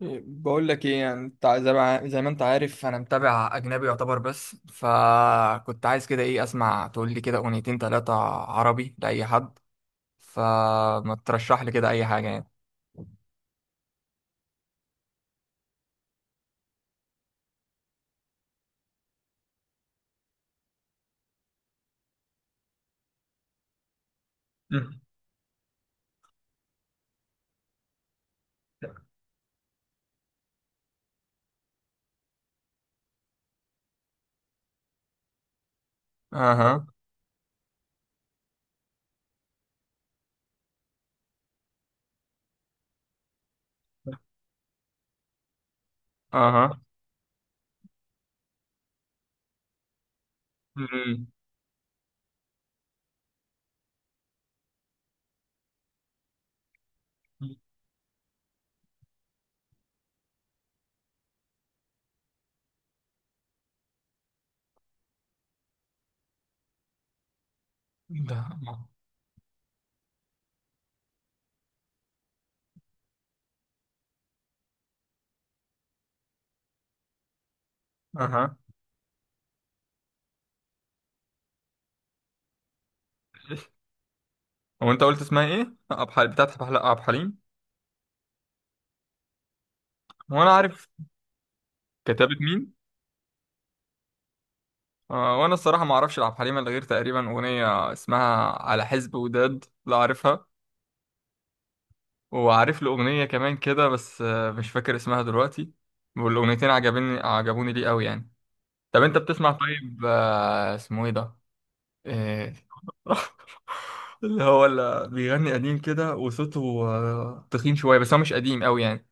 بقول لك ايه؟ يعني انت زي ما انت عارف انا متابع اجنبي يعتبر، بس فكنت عايز كده ايه، اسمع، تقول لي كده اغنيتين ثلاثة عربي لاي حد، فما ترشح لي كده اي حاجة يعني. مم. اها. اها. مم. ده. اها. هو انت قلت اسمها ايه؟ عبد الحليم بتاعت عبد الحليم؟ هو انا عارف. كتابة مين؟ آه، وانا الصراحة ما اعرفش لعبد الحليم الا غير تقريبا اغنية اسمها على حزب وداد، لا عارفها. وعارف له أغنية كمان كده بس مش فاكر اسمها دلوقتي. والأغنيتين عجبوني ليه قوي يعني؟ طب أنت بتسمع طيب اسمه إيه ده؟ آه، اللي هو اللي بيغني قديم كده وصوته تخين شوية، بس هو مش قديم قوي يعني.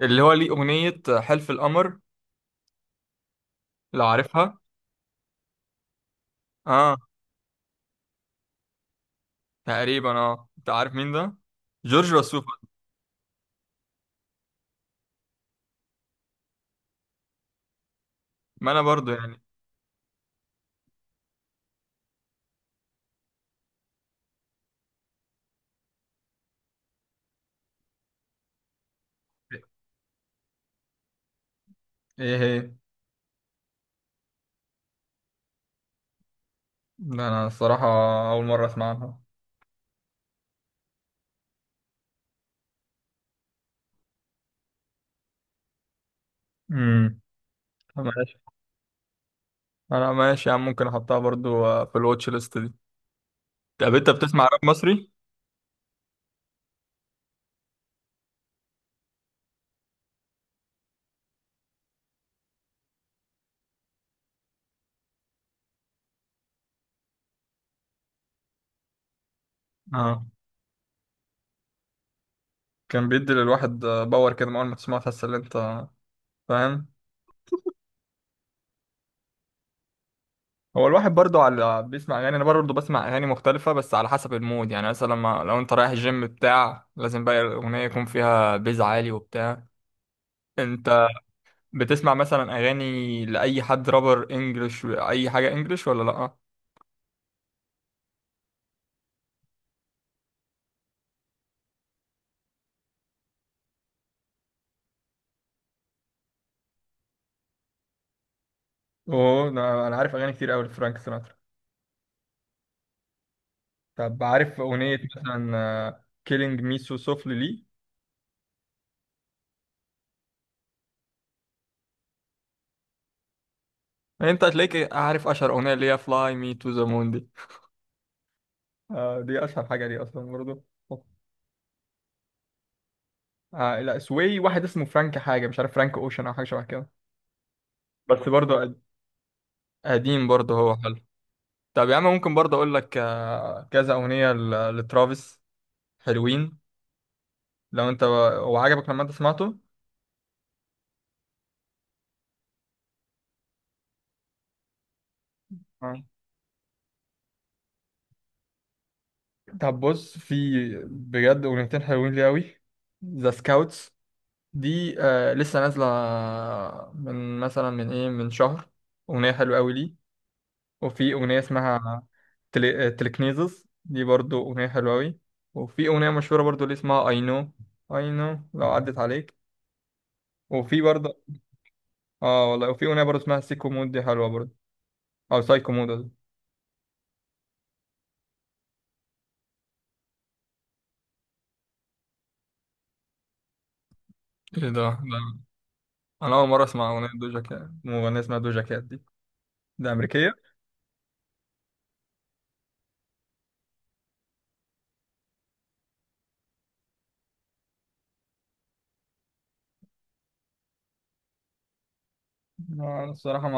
اللي هو ليه أغنية حلف القمر، لو عارفها. اه. تقريبا اه. أنت عارف مين ده؟ جورج وسوف. ما أنا برضو يعني. ايه هي؟ ده أنا الصراحة أول مرة أسمع عنها. امم. انا ماشي يا عم، ممكن احطها برضو في الواتش ليست دي. طب انت بتسمع راب مصري؟ اه. كان بيدي للواحد باور كده، من اول ما تسمعه تحس ان انت فاهم. هو الواحد برضو على بيسمع اغاني، انا برضو بسمع اغاني مختلفه بس على حسب المود. يعني مثلا لما لو انت رايح الجيم بتاع، لازم بقى الاغنيه يكون فيها بيز عالي وبتاع. انت بتسمع مثلا اغاني لاي حد رابر انجلش، اي حاجه انجلش ولا لا؟ اوه، أنا عارف اغاني كتير قوي لفرانك سيناترا. طب عارف أغنية مثلا كيلينج مي سو سوفلي لي؟ انت هتلاقيك عارف اشهر اغنيه، اللي هي فلاي مي تو ذا مون دي. آه دي اشهر حاجه دي اصلا برضو. آه لا، سوي واحد اسمه فرانك حاجه، مش عارف فرانك اوشن او حاجه شبه كده. بس برضو قديم برضو، هو حلو. طب يا عم ممكن برضو اقول لك آه كذا اغنيه لترافيس حلوين. لو انت هو عجبك لما انت سمعته. آه. طب بص، في بجد اغنيتين حلوين لي قوي. ذا سكاوتس دي آه لسه نازلة من مثلا من ايه، من شهر، أغنية حلوة أوي ليه. وفي أغنية اسمها تلكنيزس، دي برضو أغنية حلوة أوي. وفي أغنية مشهورة برضو اللي اسمها I know، I know، لو عدت عليك. وفي برضو اه والله وفي أغنية برضو اسمها سيكو مود، دي حلوة برضو. أو سايكو مود قصدي. ايه ده ده؟ أنا أول مرة أسمع أغنية دوجا كات، مغنية اسمها دوجا كات دي. ده أمريكية؟ أنا الصراحة ما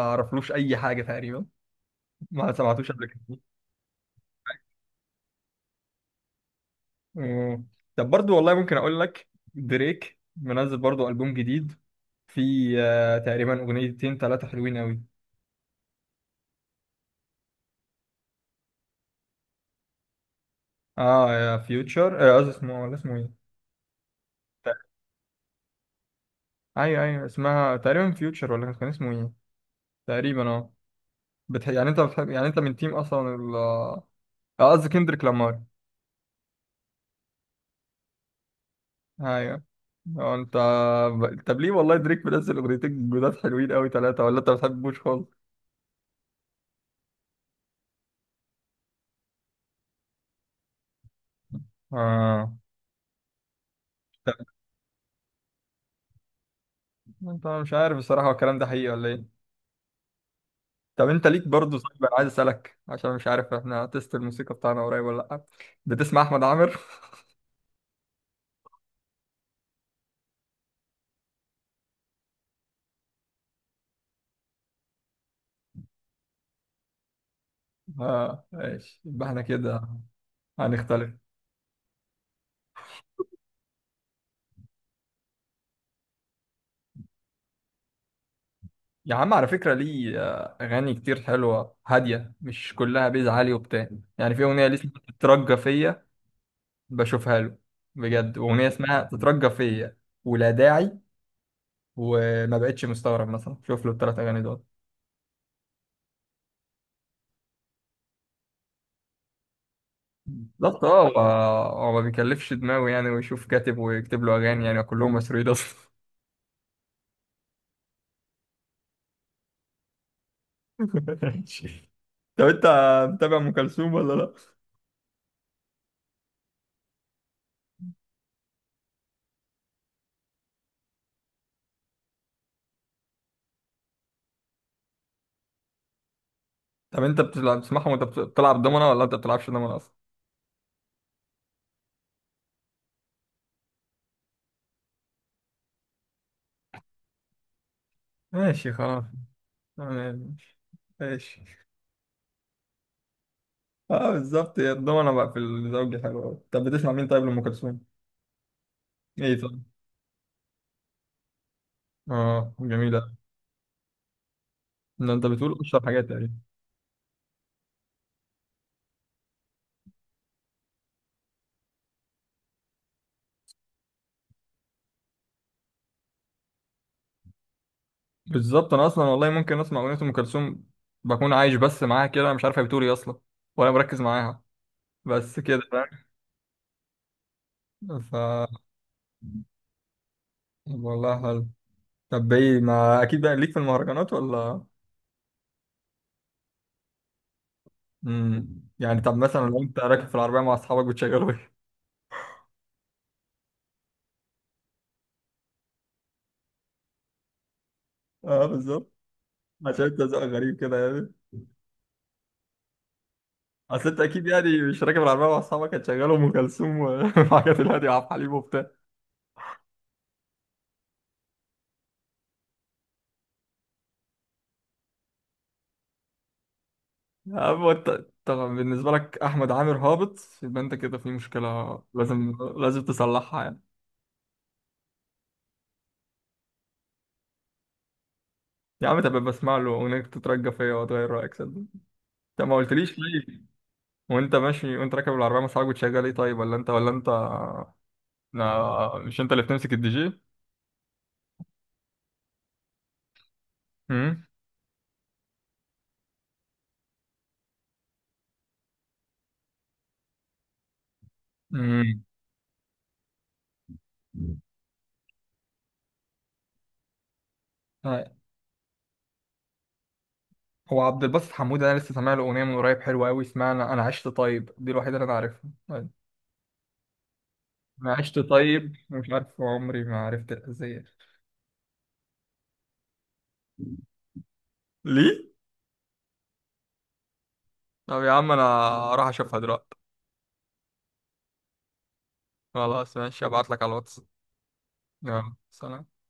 أعرفلوش أي حاجة تقريبا، ما سمعتوش قبل كده. مم. طب برضو والله ممكن اقول لك، دريك منزل برضو ألبوم جديد، في تقريبا اغنيتين ثلاثه حلوين قوي. اه يا فيوتشر قصدي اسمه، ولا اسمه ايه؟ تق- ايوه ايوه، اسمها تقريبا فيوتشر، ولا كان اسمه ايه؟ تقريبا اه. يعني انت بتحب، يعني انت من تيم اصلا ال قصدي كندريك لامار. ايوه. انت طب ليه؟ والله دريك منزل اغنيتين جداد حلوين قوي ثلاثه، ولا انت ما بتحبوش خالص؟ اه. طب انت، أنا مش عارف الصراحه هو الكلام ده حقيقي ولا ايه؟ طب انت ليك برضه طيب، انا عايز اسالك عشان مش عارف احنا تيست الموسيقى بتاعنا قريب ولا لا. بتسمع احمد عامر؟ اه ماشي، يبقى احنا كده هنختلف. يا عم على فكره ليه اغاني كتير حلوه هاديه، مش كلها بيز عالي وبتاع. يعني في اغنيه ليه اسمها تترجى فيا، بشوفها له بجد، اغنيه اسمها تترجى فيا، ولا داعي. وما بقتش مستغرب، مثلا شوف له الثلاث اغاني دول. بالظبط اه. هو ما بيكلفش دماغه يعني ويشوف كاتب ويكتب له اغاني، يعني كلهم مسروقين اصلا. ماشي. طب انت متابع ام كلثوم ولا لا؟ طب انت بتلعب بتسمعهم وانت بتلعب دومنة، ولا انت بتلعبش دومنة اصلا؟ ماشي خلاص. تمام ماشي. ماشي. اه بالظبط، هي الدومنة بقى في الزوجي حلوة أوي. طب بتسمع مين طيب لأم كلثوم؟ ايه طب؟ اه جميلة. ده انت بتقول اشهر حاجات تقريبا. بالظبط، انا اصلا والله ممكن اسمع اغنية ام كلثوم، بكون عايش بس معاها كده، انا مش عارف هي بتقول ايه اصلا، ولا مركز معاها، بس كده، فاهم؟ ف، والله حلو. طب ايه، ما اكيد بقى ليك في المهرجانات ولا؟ امم، يعني طب مثلا لو انت راكب في العربيه مع اصحابك بتشغلوا ايه؟ اه بالظبط، عشان انت ذوقك غريب كده يعني. اصل انت اكيد يعني مش راكب العربيه مع اصحابك هتشغلوا ام كلثوم و، وحاجات الهاديه وعبد الحليم وبتاع. اما انت طبعا بالنسبه لك احمد عامر هابط، يبقى انت كده في مشكله، لازم تصلحها يعني. يا عم تبقى بسمع له اغنيه تترجى فيا وتغير رايك، صدق. انت ما قلتليش ليه. وانت ماشي وانت راكب العربيه مع اصحابك بتشغل ايه طيب؟ ولا انت لا، مش انت اللي بتمسك الدي جي؟ امم. امم. آه، هو عبد الباسط حمود انا لسه سامع له اغنيه من قريب حلوه قوي، اسمها أنا عشت طيب، دي الوحيده اللي انا عارفها. طيب، انا عشت طيب مش عارف عمري، ما عرفت الأذية. ليه؟ طب يا عم انا اروح اشوفها دلوقتي. خلاص ماشي، ابعت لك على الواتس. يلا سلام.